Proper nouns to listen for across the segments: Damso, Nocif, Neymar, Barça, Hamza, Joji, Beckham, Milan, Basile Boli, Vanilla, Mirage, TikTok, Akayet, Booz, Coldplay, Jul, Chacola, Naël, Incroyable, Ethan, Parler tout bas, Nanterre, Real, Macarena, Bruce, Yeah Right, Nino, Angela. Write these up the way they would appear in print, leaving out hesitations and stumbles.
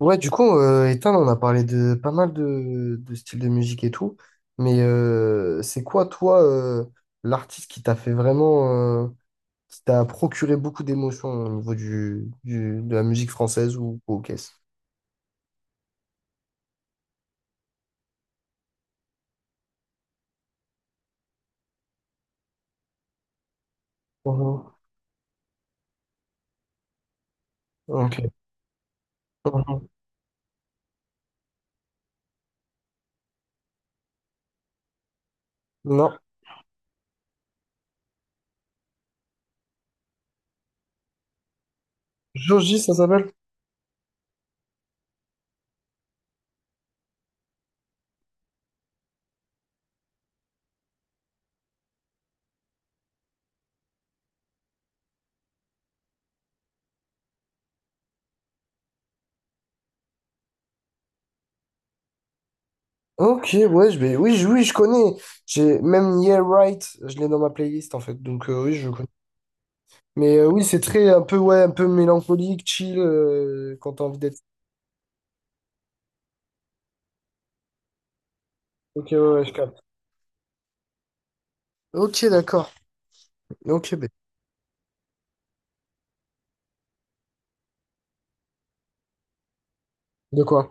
Ouais, du coup, Ethan, on a parlé de pas mal de styles de musique et tout, mais c'est quoi, toi, l'artiste qui t'a fait vraiment, qui t'a procuré beaucoup d'émotions au niveau de la musique française ou au caisse? Mhm. Ok. Mhm. Non. Joji, ça s'appelle? Ok, ouais, je vais... oui, oui, je connais. J'ai même Yeah Right, je l'ai dans ma playlist en fait, donc oui, je connais. Mais oui, c'est très un peu, ouais, un peu mélancolique, chill, quand t'as envie d'être. Ok, ouais, ouais, je capte. Ok, d'accord. Ok, ben. De quoi?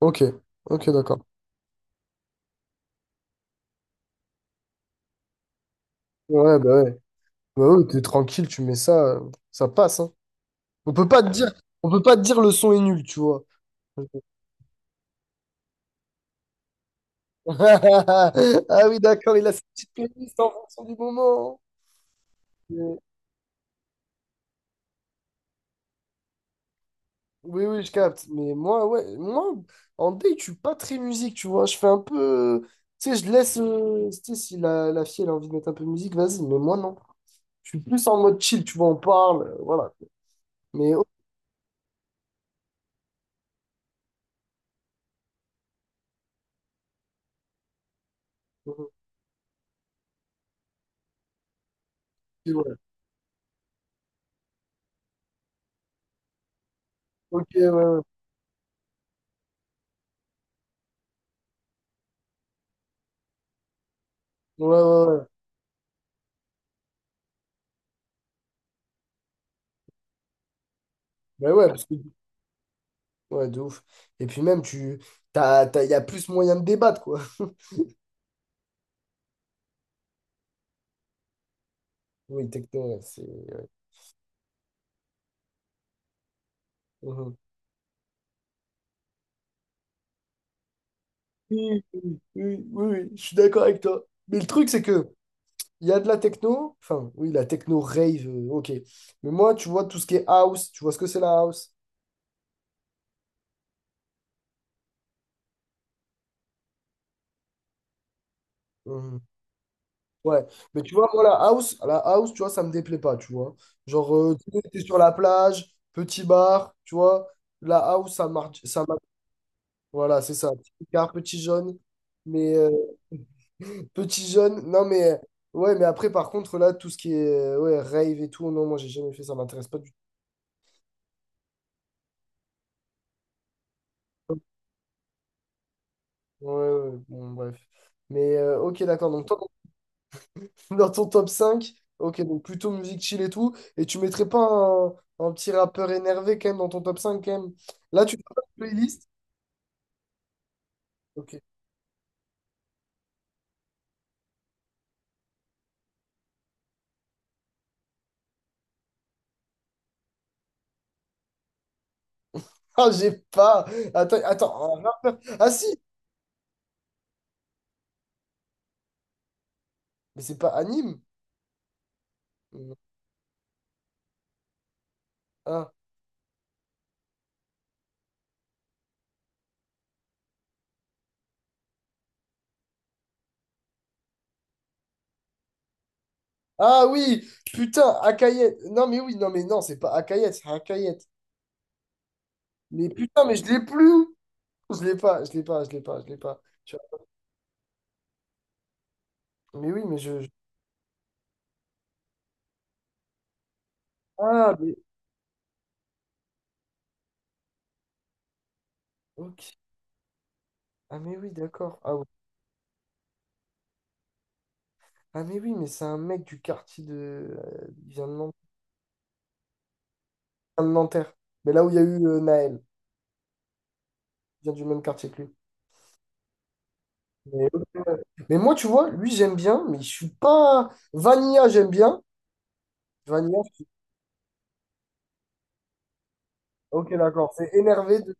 Ok, ok, d'accord. Ouais, bah ouais. Bah ouais, t'es tranquille, tu mets ça, ça passe, hein. On peut pas te dire, on peut pas te dire le son est nul, tu vois. Ah oui, d'accord, il a sa petite playlist en fonction du moment, hein. Mais- Oui, oui, je capte. Mais moi, ouais, moi, en date, je suis pas très musique, tu vois. Je fais un peu. Tu sais, je laisse, tu sais, si la fille, elle a envie de mettre un peu de musique, vas-y. Mais moi, non. Je suis plus en mode chill, tu vois, on parle, voilà. Mais, oh, euh, ouais. Ok, ouais, ouais, ouais, ouais, ouais. Ben ouais, parce que... Ouais, de ouf. Et puis même, tu... T'as... y a plus moyen de débattre, quoi. Oui, techno, ouais, c'est... ouais. Mhm. Oui, oui, oui, oui, je suis d'accord avec toi. Mais le truc, c'est que il y a de la techno, enfin, oui, la techno rave, ok. Mais moi, tu vois, tout ce qui est house, tu vois ce que c'est la house? Mhm. Ouais, mais tu vois, moi, la house, tu vois, ça me déplaît pas, tu vois. Genre, tu es sur la plage, petit bar, tu vois, la house, ça marche, ça. Voilà, c'est ça. Petit Picard, petit jaune. Mais petit jaune. Non, mais ouais, mais après, par contre, là, tout ce qui est ouais, rave et tout, non, moi, j'ai jamais fait ça. M'intéresse pas du tout. Ouais, ouais, ouais. Bon, bref. Mais ok, d'accord. Donc, toi, dans ton top cinq. Ok, donc plutôt musique chill et tout. Et tu mettrais pas un petit rappeur énervé quand même dans ton top 5 quand même. Là, tu fais pas de playlist? Ok. Ah, j'ai pas. Attends, attends, un rappeur. Ah, si! Mais c'est pas anime. Ah. Ah oui, putain, Akayet. Non mais oui, non mais non, c'est pas Akayet, c'est Akayet. Mais putain, mais je l'ai plus. Je l'ai pas, je l'ai pas, je l'ai pas, je l'ai pas. Tu vois. Mais oui, Ah mais ok. Ah mais oui, d'accord. Ah, oui. Ah mais oui, mais c'est un mec du quartier de. Il vient de Nanterre. Mais là où il y a eu Naël, il vient du même quartier que lui. Mais, ok. Mais moi, tu vois, lui j'aime bien, mais je suis pas. Vanilla, j'aime bien. Vanilla. Ok, d'accord. C'est énervé de.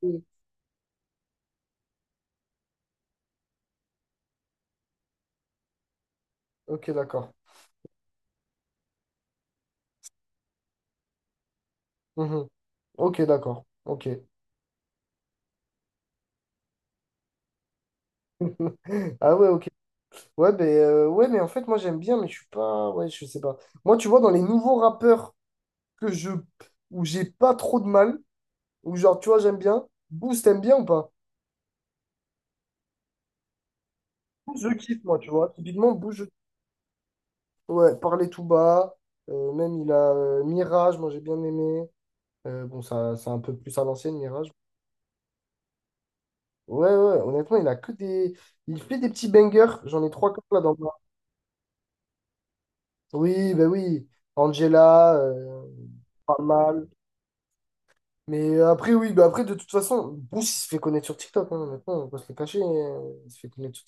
Ok, d'accord. Mhm. Ok, d'accord. Ok. Ah ouais, ok. Ouais, ben, ouais, mais en fait, moi, j'aime bien, mais je suis pas... Ouais, je sais pas. Moi, tu vois, dans les nouveaux rappeurs que je... où j'ai pas trop de mal, où genre, tu vois, j'aime bien, Booz, t'aimes bien ou pas? Booz, je kiffe, moi, tu vois. Typiquement, Booz, je... Ouais, Parler tout bas. Même, il a Mirage, moi, j'ai bien aimé. Bon, ça, c'est un peu plus à l'ancienne, Mirage. Ouais, ouais, honnêtement, il a que des... Il fait des petits bangers. J'en ai trois comme là dans le... Oui, ben oui. Angela, pas mal. Mais après, oui, bah après, de toute façon, Bruce, il se fait connaître sur TikTok, hein, maintenant, on peut se le cacher, il se fait connaître sur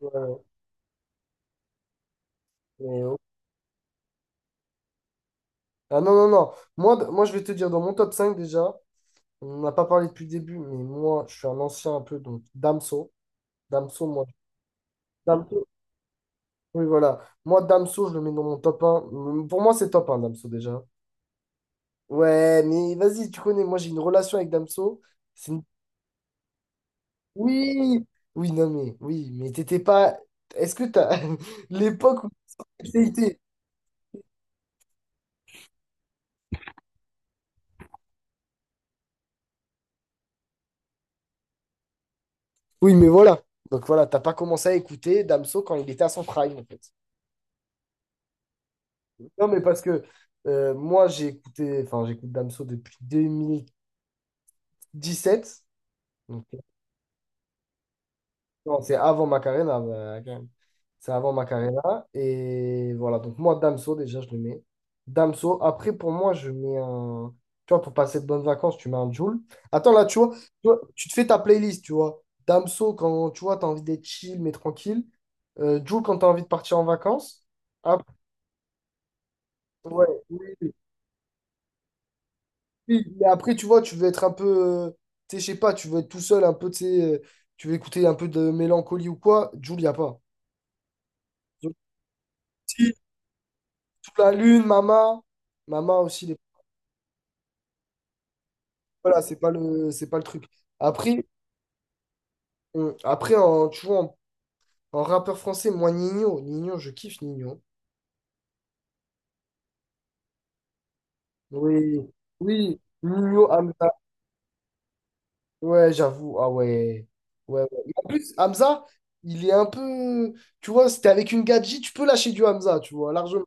TikTok, ouais. Mais, ah non, non, non, moi, moi, je vais te dire, dans mon top 5 déjà, on n'a pas parlé depuis le début, mais moi, je suis un ancien un peu, donc Damso, Damso, moi, Damso, oui, voilà, moi, Damso, je le mets dans mon top un. Mm. Pour moi, c'est top un Damso, déjà. Ouais, mais vas-y, tu connais, moi, j'ai une relation avec Damso, c'est une- Oui, oui, non, mais, oui, mais t'étais pas... Est-ce que t'as l'époque où... Oui, mais voilà. Donc voilà, t'as pas commencé à écouter Damso quand il était à son prime, en fait. Non, mais parce que moi, j'ai écouté, enfin, j'écoute Damso depuis 2017. Donc, non, c'est avant Macarena, bah, quand même. C'est avant Macarena. Et voilà, donc moi, Damso, déjà, je le mets. Damso, après, pour moi, je mets un... Tu vois, pour passer de bonnes vacances, tu mets un Jul. Attends, là, tu vois, tu te fais ta playlist, tu vois. Damso, quand tu vois, t'as envie d'être chill, mais tranquille. Jul, quand t'as envie de partir en vacances. Ouais, oui, oui. Oui, mais après, tu vois, tu veux être un peu, euh, tu sais, je sais pas, tu veux être tout seul, un peu, tu sais, tu veux écouter un peu de mélancolie ou quoi, Jul, y a pas. Donc, si, sous la lune, Mama, Mama aussi, les... Voilà, c'est pas le truc. Après, après en, tu vois, en rappeur français, moi, Nino, Nino, je kiffe Nino. Oui, oui, Nino, Hamza, ouais, j'avoue, ah ouais, ouais, ouais. Mais en plus, Hamza, il est un peu, tu vois, si t'es avec une gadji, tu peux lâcher du Hamza, tu vois, largement.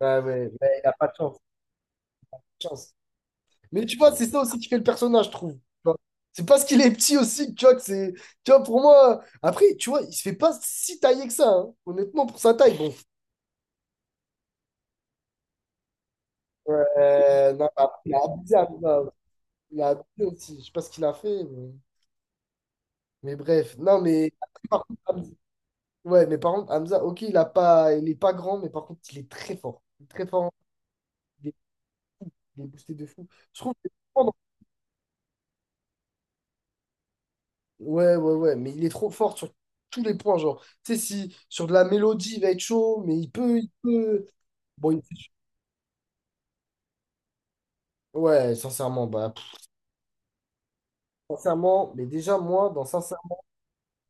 Ouais, ouais, ouais, il a pas de chance. Pas de chance. Mais tu vois, c'est ça aussi qui fait le personnage, je trouve. Tu vois. C'est parce qu'il est petit aussi, tu vois, que c'est. Tu vois, pour moi. Après, tu vois, il se fait pas si tailler que ça, hein. Honnêtement, pour sa taille, bon. Ouais, non, après, il a abusé, Hamza. Il a abusé aussi. Je sais pas ce qu'il a fait, mais bref. Non, mais, après, par contre, Ouais, mais par contre, Hamza, ok, il a pas... il est pas grand, mais par contre, il est très fort. Il est très fort. Il est, il est boosté de fou. Je trouve que Ouais, ouais, ouais, mais il est trop fort sur tous les points, genre, tu sais, si sur de la mélodie, il va être chaud, mais il peut. Bon, ouais, sincèrement, bah, pff, sincèrement, mais déjà, moi, dans sincèrement,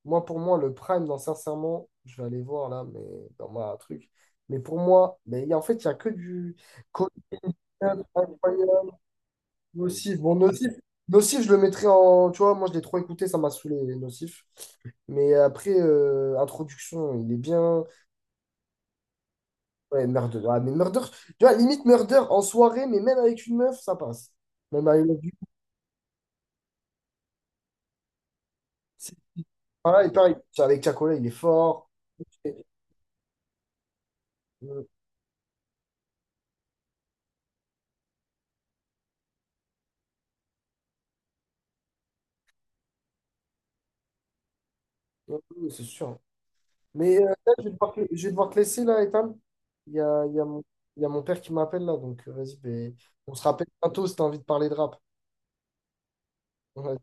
moi, pour moi, le prime dans sincèrement, je vais aller voir là, mais dans ma truc, mais pour moi, en fait, il n'y a que du Coldplay, Incroyable, Nocif. Bon, Nocif, Nocif, je le mettrais en, tu vois, moi, je l'ai trop écouté, ça m'a saoulé, Nocif, mais après, introduction, il est bien. Ouais, Murder. Ah, mais Murder, tu vois, limite Murder en soirée, mais même avec une meuf, ça passe. Même avec une meuf, c'est- voilà, et pareil, avec Chacola, il est fort. Et- euh, C'est sûr. Mais là, je vais devoir, je vais devoir te laisser, là, Ethan. Il y a, il y a mon, il y a mon père qui m'appelle, là, donc vas-y, ben, on se rappelle bientôt si t'as envie de parler de rap. Ouais.